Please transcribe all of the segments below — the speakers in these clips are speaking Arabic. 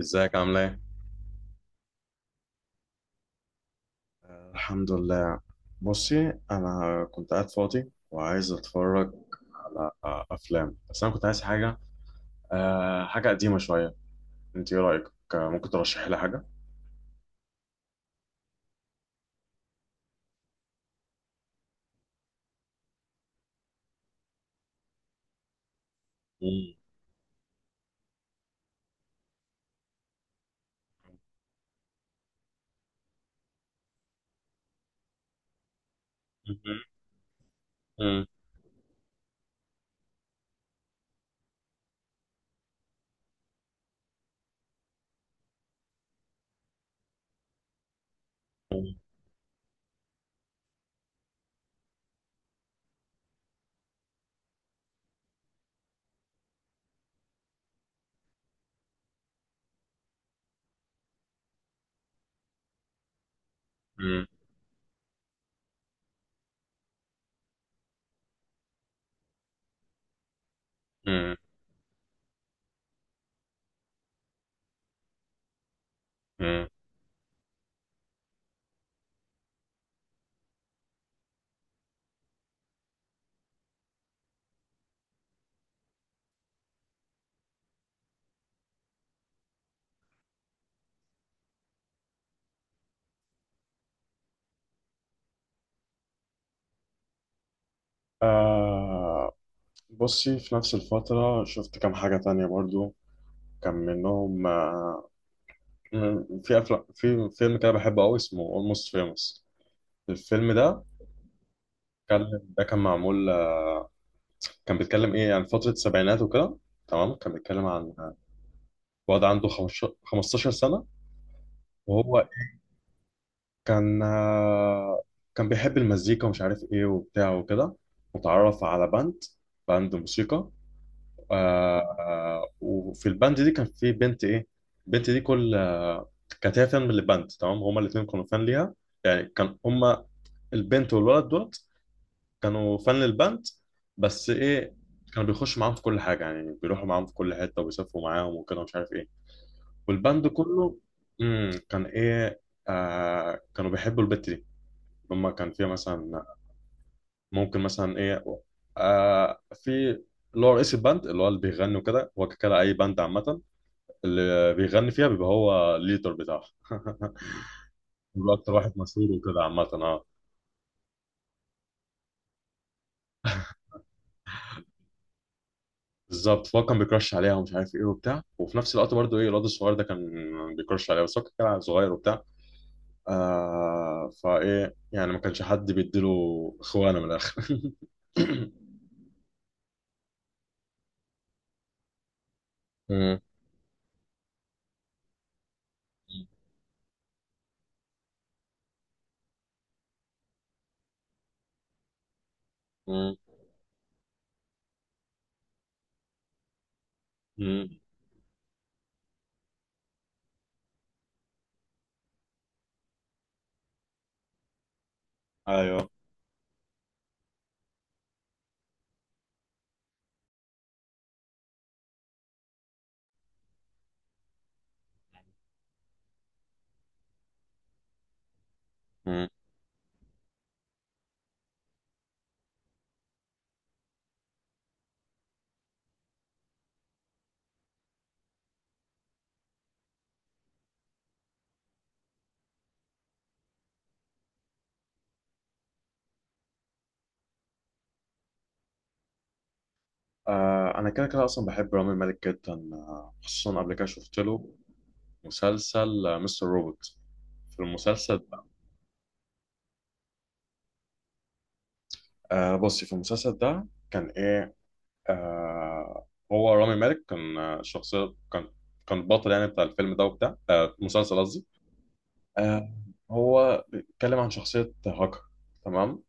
ازيك عامله ايه؟ الحمد لله. بصي، انا كنت قاعد فاضي وعايز اتفرج على افلام، بس انا كنت عايز حاجه، حاجه قديمه شويه. انت ايه رايك؟ ممكن ترشحي لي حاجه. مم. مم. مم. مم. مم. مم. أه. بصي، في نفس الفتره شفت كام حاجه تانية برضو، كان منهم في فيلم كده بحبه قوي اسمه Almost Famous. الفيلم ده كان، ده كان معمول كان بيتكلم ايه، يعني فترة السبعينات وكده. تمام، كان بيتكلم عن واد عنده 15 سنة، وهو كان آه، كان بيحب المزيكا ومش عارف ايه وبتاع وكده، وتعرف على باند، باند موسيقى. وفي الباند دي كان في بنت، ايه البنت دي، كانت هي فان من الباند. تمام، هما الاتنين كانوا فان ليها، يعني كان هما البنت والولد دولت كانوا فان للباند. بس ايه، كانوا بيخشوا معاهم في كل حاجة، يعني بيروحوا معاهم في كل حتة وبيسافروا معاهم وكده ومش عارف ايه، والباند كله كان ايه، آه كانوا بيحبوا البت دي. هما كان فيها مثلا، ممكن مثلا ايه، آه في اللي هو رئيس الباند، اللي هو اللي بيغني وكده، هو كده اي باند عامة اللي بيغني فيها بيبقى هو الليدر بتاعها، بيبقى اكتر واحد مشهور وكده، عامة اه. بالظبط، فهو كان بيكرش عليها ومش عارف ايه وبتاع، وفي نفس الوقت برضه ايه الواد الصغير ده كان بيكرش عليها، بس هو كان صغير وبتاع. آه، فايه يعني ما كانش حد بيديله اخوانه من الاخر. مم. مم. مم. ايوه. مم. آه، انا كده كده اصلا بحب رامي مالك جدا، خصوصا قبل كده شفت له مسلسل، مستر روبوت. في المسلسل ده، آه، بصي في المسلسل ده كان ايه، آه هو رامي مالك كان، آه، شخصية كان كان البطل يعني بتاع الفيلم ده وبتاع، آه المسلسل قصدي. آه، هو بيتكلم عن شخصية هاكر، تمام،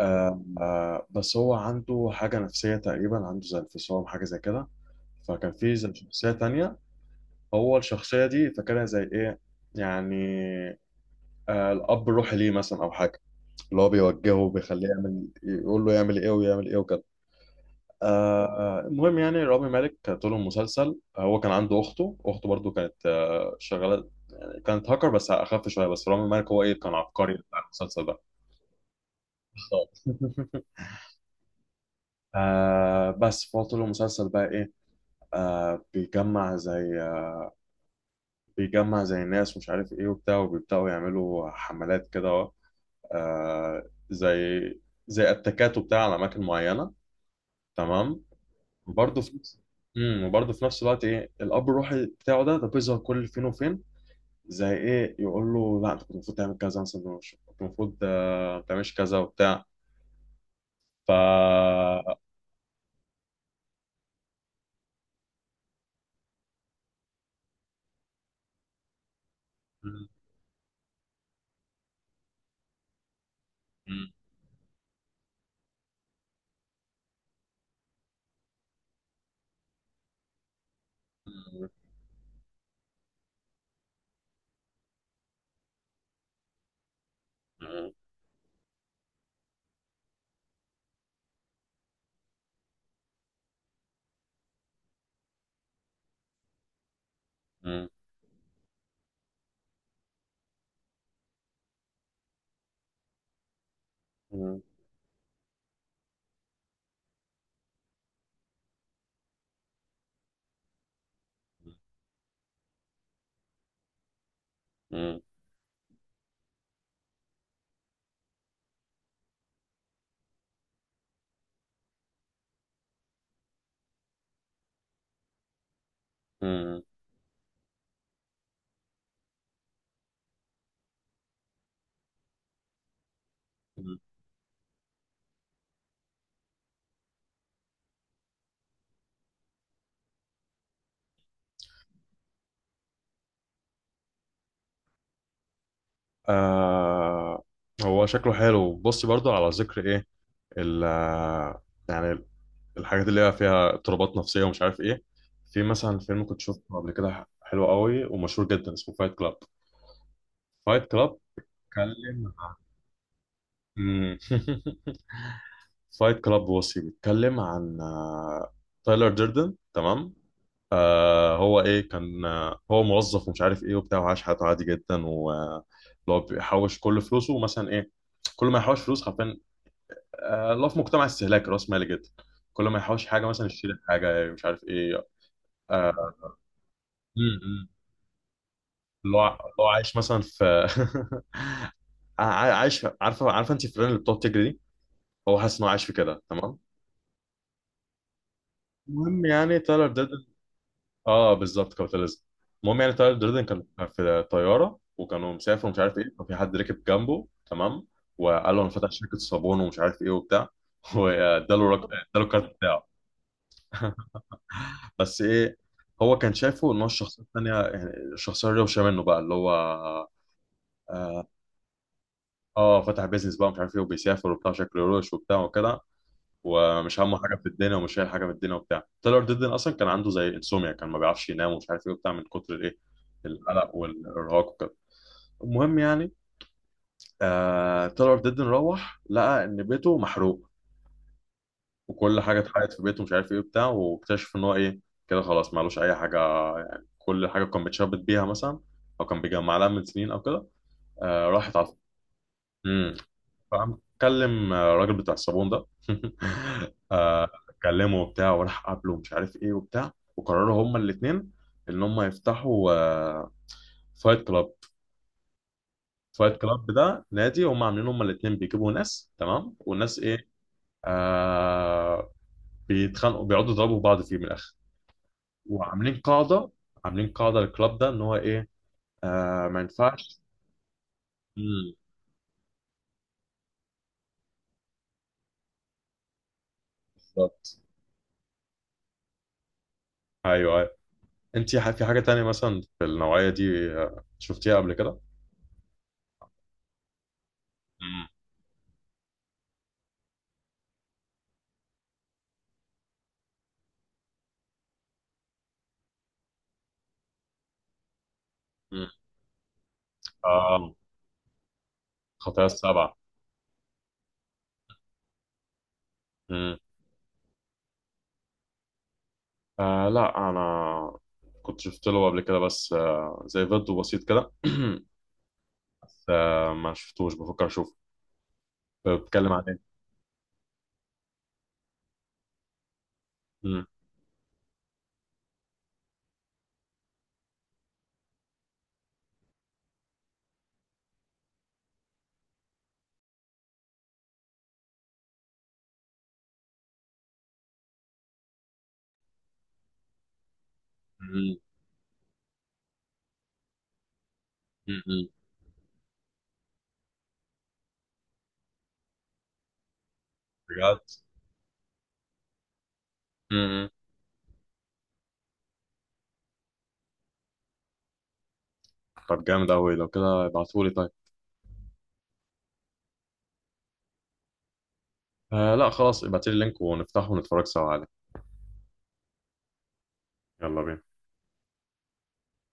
بس هو عنده حاجة نفسية تقريبا، عنده زي انفصام، حاجة زي كده. فكان في زي شخصية تانية، هو الشخصية دي فاكرها زي إيه، يعني آه الأب الروحي ليه مثلا، أو حاجة اللي هو بيوجهه وبيخليه يعمل، يقول له يعمل إيه ويعمل إيه وكده. المهم يعني رامي مالك طول المسلسل، هو كان عنده أخته، أخته برضو كانت آه شغالة، يعني كانت هاكر بس أخف شوية، بس رامي مالك هو إيه كان عبقري بتاع المسلسل ده. بالظبط. آه بس فهو طول المسلسل بقى إيه، آه بيجمع زي ناس ومش عارف ايه وبتاع، وبيبدأوا يعملوا حملات كده أهو، آه زي زي اتاكات وبتاع على اماكن معينة، تمام. برضه في نفس وبرضه في نفس الوقت ايه الاب الروحي بتاعه ده بيظهر كل فين وفين، زي ايه يقول له لا انت كنت المفروض تعمل كذا مثلا، كنت المفروض ما تعملش كذا وبتاع. ف مم. مم. مم. مم. مم. مم. مم. آه، هو شكله حلو. بصي برضو على ذكر ايه، ال آه، يعني الحاجات اللي هي فيها اضطرابات نفسية ومش عارف ايه، في مثلا فيلم كنت شفته قبل كده حلو قوي ومشهور جدا اسمه فايت كلاب. فايت كلاب بيتكلم عن، فايت كلاب بصي، بيتكلم عن تايلر ديردن. تمام، آه هو ايه كان، آه هو موظف ومش عارف ايه وبتاع، وعاش حياته عادي جدا، و اللي هو بيحوش كل فلوسه مثلا، ايه كل ما يحوش فلوس حرفيا، آه، الله، في مجتمع استهلاك راس مالي جدا، كل ما يحوش حاجه مثلا يشتري حاجه مش عارف ايه. آه، م- م. اللي هو عايش مثلا في، عايش. عارفه، عارفه انت الفيران اللي بتقعد تجري دي، هو حاسس انه عايش في كده. تمام، المهم يعني تايلر دردن. اه بالظبط، كابيتاليزم. المهم يعني تايلر دردن كان في طياره، وكانوا مسافر ومش عارف ايه، وفي حد ركب جنبه تمام، وقال له انا فاتح شركه صابون ومش عارف ايه وبتاع. اداله الكارت بتاعه. بس ايه، هو كان شايفه ان هو الشخصيه الثانيه، يعني الشخصيه الروشه منه بقى، اللي هو اه، فتح بيزنس بقى، مش عارف ايه وبيسافر وبتاع، شكله روش وبتاع وكده، ومش همه حاجه في الدنيا ومش شايل حاجه من الدنيا وبتاع. تايلور ديدن اصلا كان عنده زي انسوميا، كان ما بيعرفش ينام ومش عارف ايه وبتاع، من كتر الايه، القلق والارهاق وكده. المهم يعني، آه تايلور ديدن روح لقى ان بيته محروق، وكل حاجه اتحرقت في بيته ومش عارف ايه بتاع، واكتشف ان هو ايه، كده خلاص معلوش اي حاجه. يعني كل حاجه كان بيتشبت بيها مثلا، او كان بيجمع لها من سنين، او كده آه راحت على امم. فقام كلم الراجل بتاع الصابون ده. آه كلمه وبتاع وراح قابله ومش عارف ايه وبتاع، وقرروا هما الاثنين ان هما يفتحوا آه فايت كلاب. فايت كلاب ده نادي هما عاملين هما الاثنين، بيجيبوا ناس تمام، والناس ايه، آه بيتخانقوا، بيقعدوا يضربوا بعض فيه من الاخر. وعاملين قاعده، عاملين قاعده للكلاب ده، ان هو ايه، آه ما ينفعش. امم، بالظبط. ايوه ايوه. انت في حاجه تانية مثلا في النوعيه دي شفتيها قبل كده؟ امم، امم، آه خطايا السبعه. امم، آه لا انا كنت شفت له قبل كده بس آه زي فيديو بسيط كده. بس آه ما شفتوش، بفكر اشوفه. بتكلم عن ايه؟ امم، امم، امم، بجد. امم، طب جامد قوي لو كده، ابعتهولي طيب. آه لا خلاص، ابعتيلي اللينك ونفتحه ونتفرج سوا عليه. يلا بينا.